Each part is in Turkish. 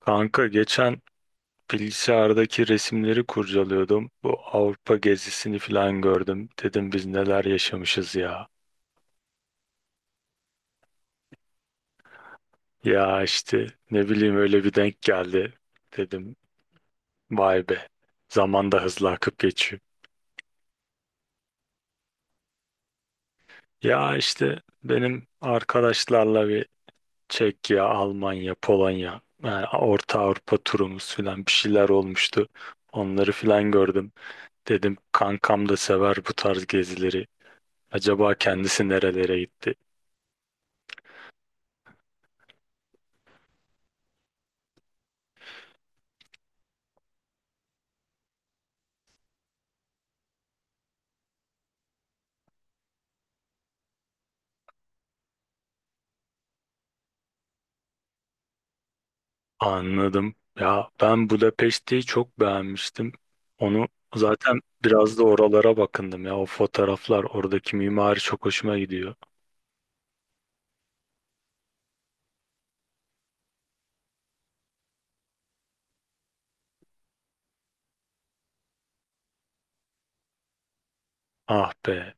Kanka geçen bilgisayardaki resimleri kurcalıyordum. Bu Avrupa gezisini falan gördüm. Dedim biz neler yaşamışız ya. Ya işte ne bileyim öyle bir denk geldi. Dedim vay be. Zaman da hızlı akıp geçiyor. Ya işte benim arkadaşlarla bir Çekya, Almanya, Polonya, yani Orta Avrupa turumuz falan bir şeyler olmuştu. Onları falan gördüm. Dedim kankam da sever bu tarz gezileri. Acaba kendisi nerelere gitti? Anladım. Ya ben Budapeşte'yi çok beğenmiştim. Onu zaten biraz da oralara bakındım ya. O fotoğraflar, oradaki mimari çok hoşuma gidiyor. Ah be.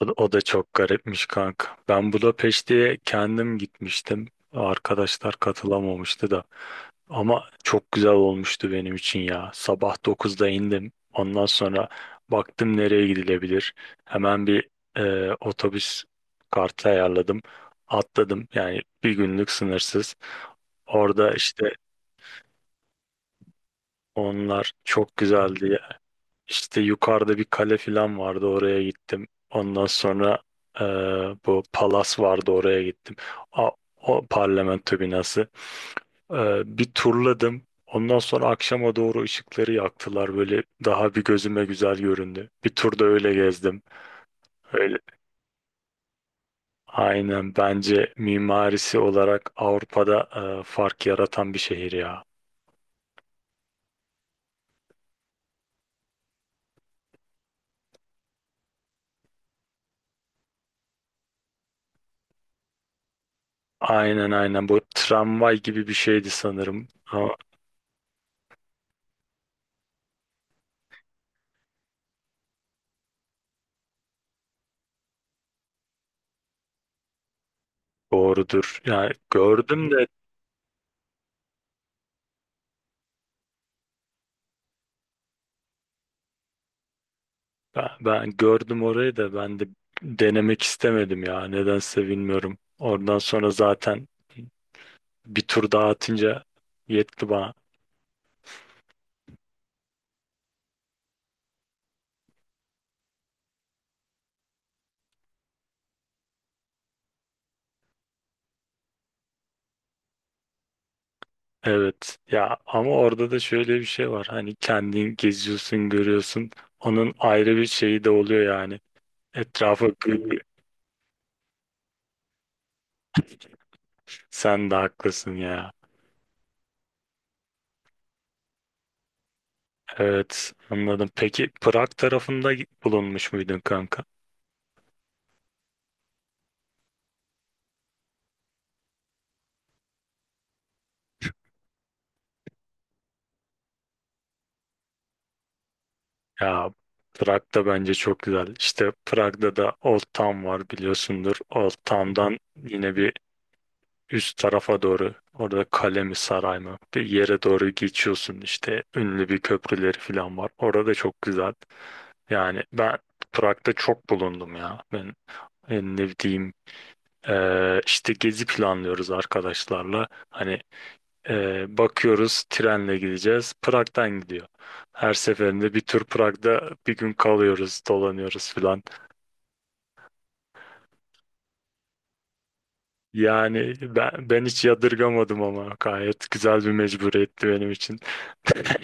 O da, o da çok garipmiş kanka. Ben Budapeşte'ye kendim gitmiştim. Arkadaşlar katılamamıştı da. Ama çok güzel olmuştu benim için ya. Sabah dokuzda indim. Ondan sonra baktım nereye gidilebilir. Hemen bir otobüs kartı ayarladım. Atladım. Yani bir günlük sınırsız. Orada işte onlar çok güzeldi ya. İşte yukarıda bir kale falan vardı. Oraya gittim. Ondan sonra e, bu palas vardı. Oraya gittim. A- O parlamento binası. Bir turladım. Ondan sonra akşama doğru ışıkları yaktılar. Böyle daha bir gözüme güzel göründü. Bir turda öyle gezdim. Öyle. Aynen bence mimarisi olarak Avrupa'da fark yaratan bir şehir ya. Aynen aynen, bu tramvay gibi bir şeydi sanırım. Ama doğrudur. Yani gördüm de ben gördüm orayı da, ben de denemek istemedim ya. Nedense bilmiyorum. Oradan sonra zaten bir tur daha atınca yetti bana. Evet ya, ama orada da şöyle bir şey var, hani kendin geziyorsun görüyorsun, onun ayrı bir şeyi de oluyor yani, etrafı gri. Sen de haklısın ya. Evet, anladım. Peki Prag tarafında bulunmuş muydun kanka? Ya Prag da bence çok güzel. İşte Prag'da da Old Town var, biliyorsundur. Old Town'dan yine bir üst tarafa doğru, orada kale mi saray mı bir yere doğru geçiyorsun. İşte ünlü bir köprüleri falan var, orada da çok güzel. Yani ben Prag'da çok bulundum ya. Ben ne diyeyim, işte gezi planlıyoruz arkadaşlarla. Hani bakıyoruz trenle gideceğiz. Prag'dan gidiyor. Her seferinde bir tur Prag'da bir gün kalıyoruz, dolanıyoruz filan. Yani ben hiç yadırgamadım, ama gayet güzel bir mecburiyetti benim için.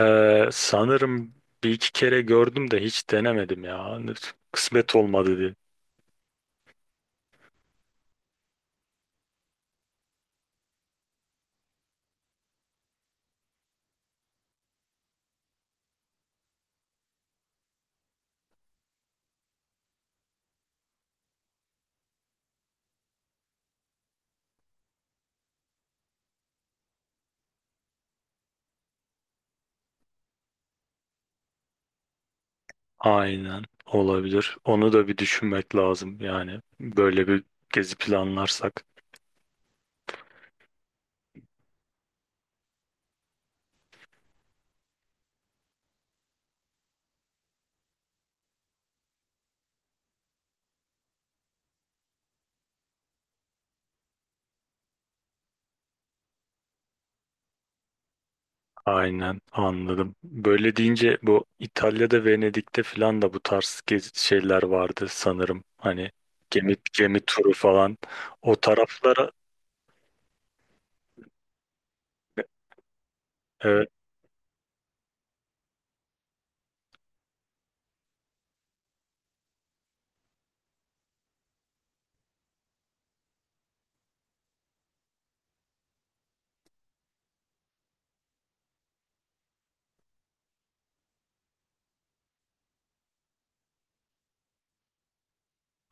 Sanırım bir iki kere gördüm de hiç denemedim ya. Hani kısmet olmadı diye. Aynen, olabilir. Onu da bir düşünmek lazım yani, böyle bir gezi planlarsak. Aynen, anladım. Böyle deyince bu İtalya'da Venedik'te falan da bu tarz gezi şeyler vardı sanırım. Hani gemi, gemi turu falan. O taraflara evet,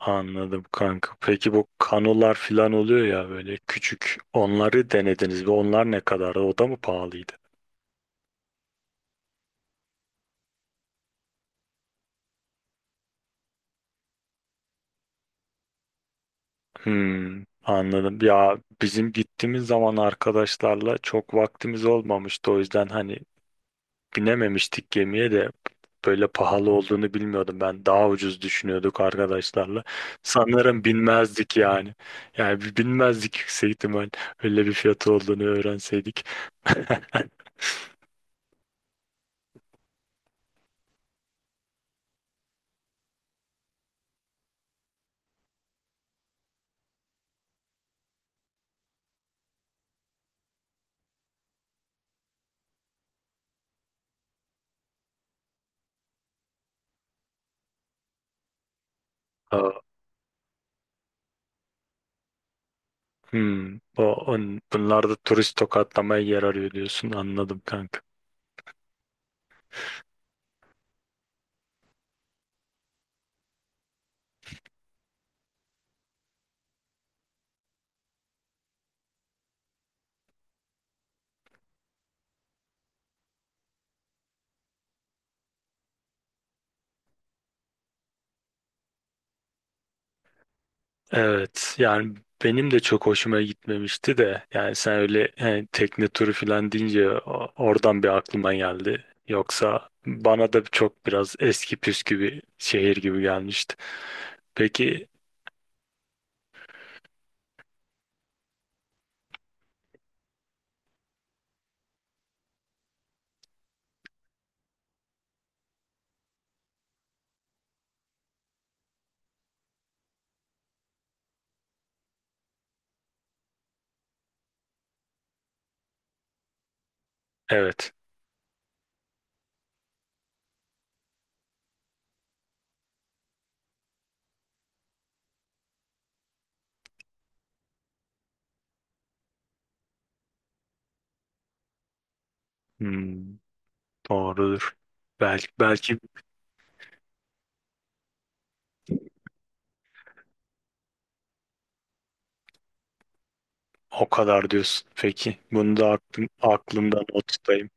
anladım kanka. Peki bu kanolar falan oluyor ya, böyle küçük. Onları denediniz? Ve onlar ne kadardı? O da mı pahalıydı? Hmm, anladım. Ya bizim gittiğimiz zaman arkadaşlarla çok vaktimiz olmamıştı. O yüzden hani binememiştik gemiye de, böyle pahalı olduğunu bilmiyordum ben. Daha ucuz düşünüyorduk arkadaşlarla. Sanırım binmezdik yani. Yani binmezdik yüksek ihtimal. Öyle bir fiyatı olduğunu öğrenseydik. Aa, hmm, bunlar da turist tokatlamaya yer arıyor diyorsun. Anladım kanka. Evet yani benim de çok hoşuma gitmemişti de, yani sen öyle hani tekne turu falan deyince oradan bir aklıma geldi. Yoksa bana da çok biraz eski püskü bir şehir gibi gelmişti. Peki evet. Hmm, doğrudur. Belki o kadar diyorsun. Peki bunu da aklımdan not tutayım.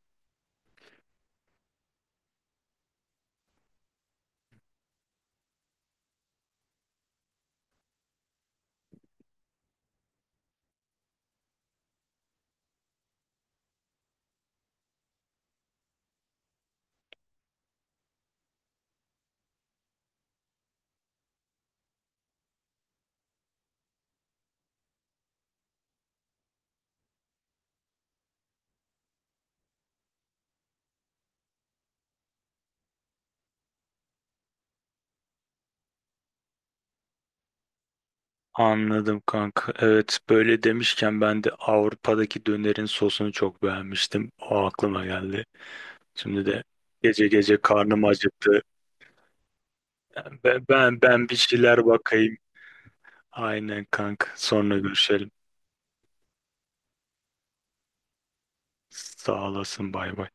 Anladım kanka. Evet böyle demişken ben de Avrupa'daki dönerin sosunu çok beğenmiştim. O aklıma geldi. Şimdi de gece gece karnım acıktı. Yani ben bir şeyler bakayım. Aynen kanka. Sonra görüşelim. Sağ olasın. Bay bay.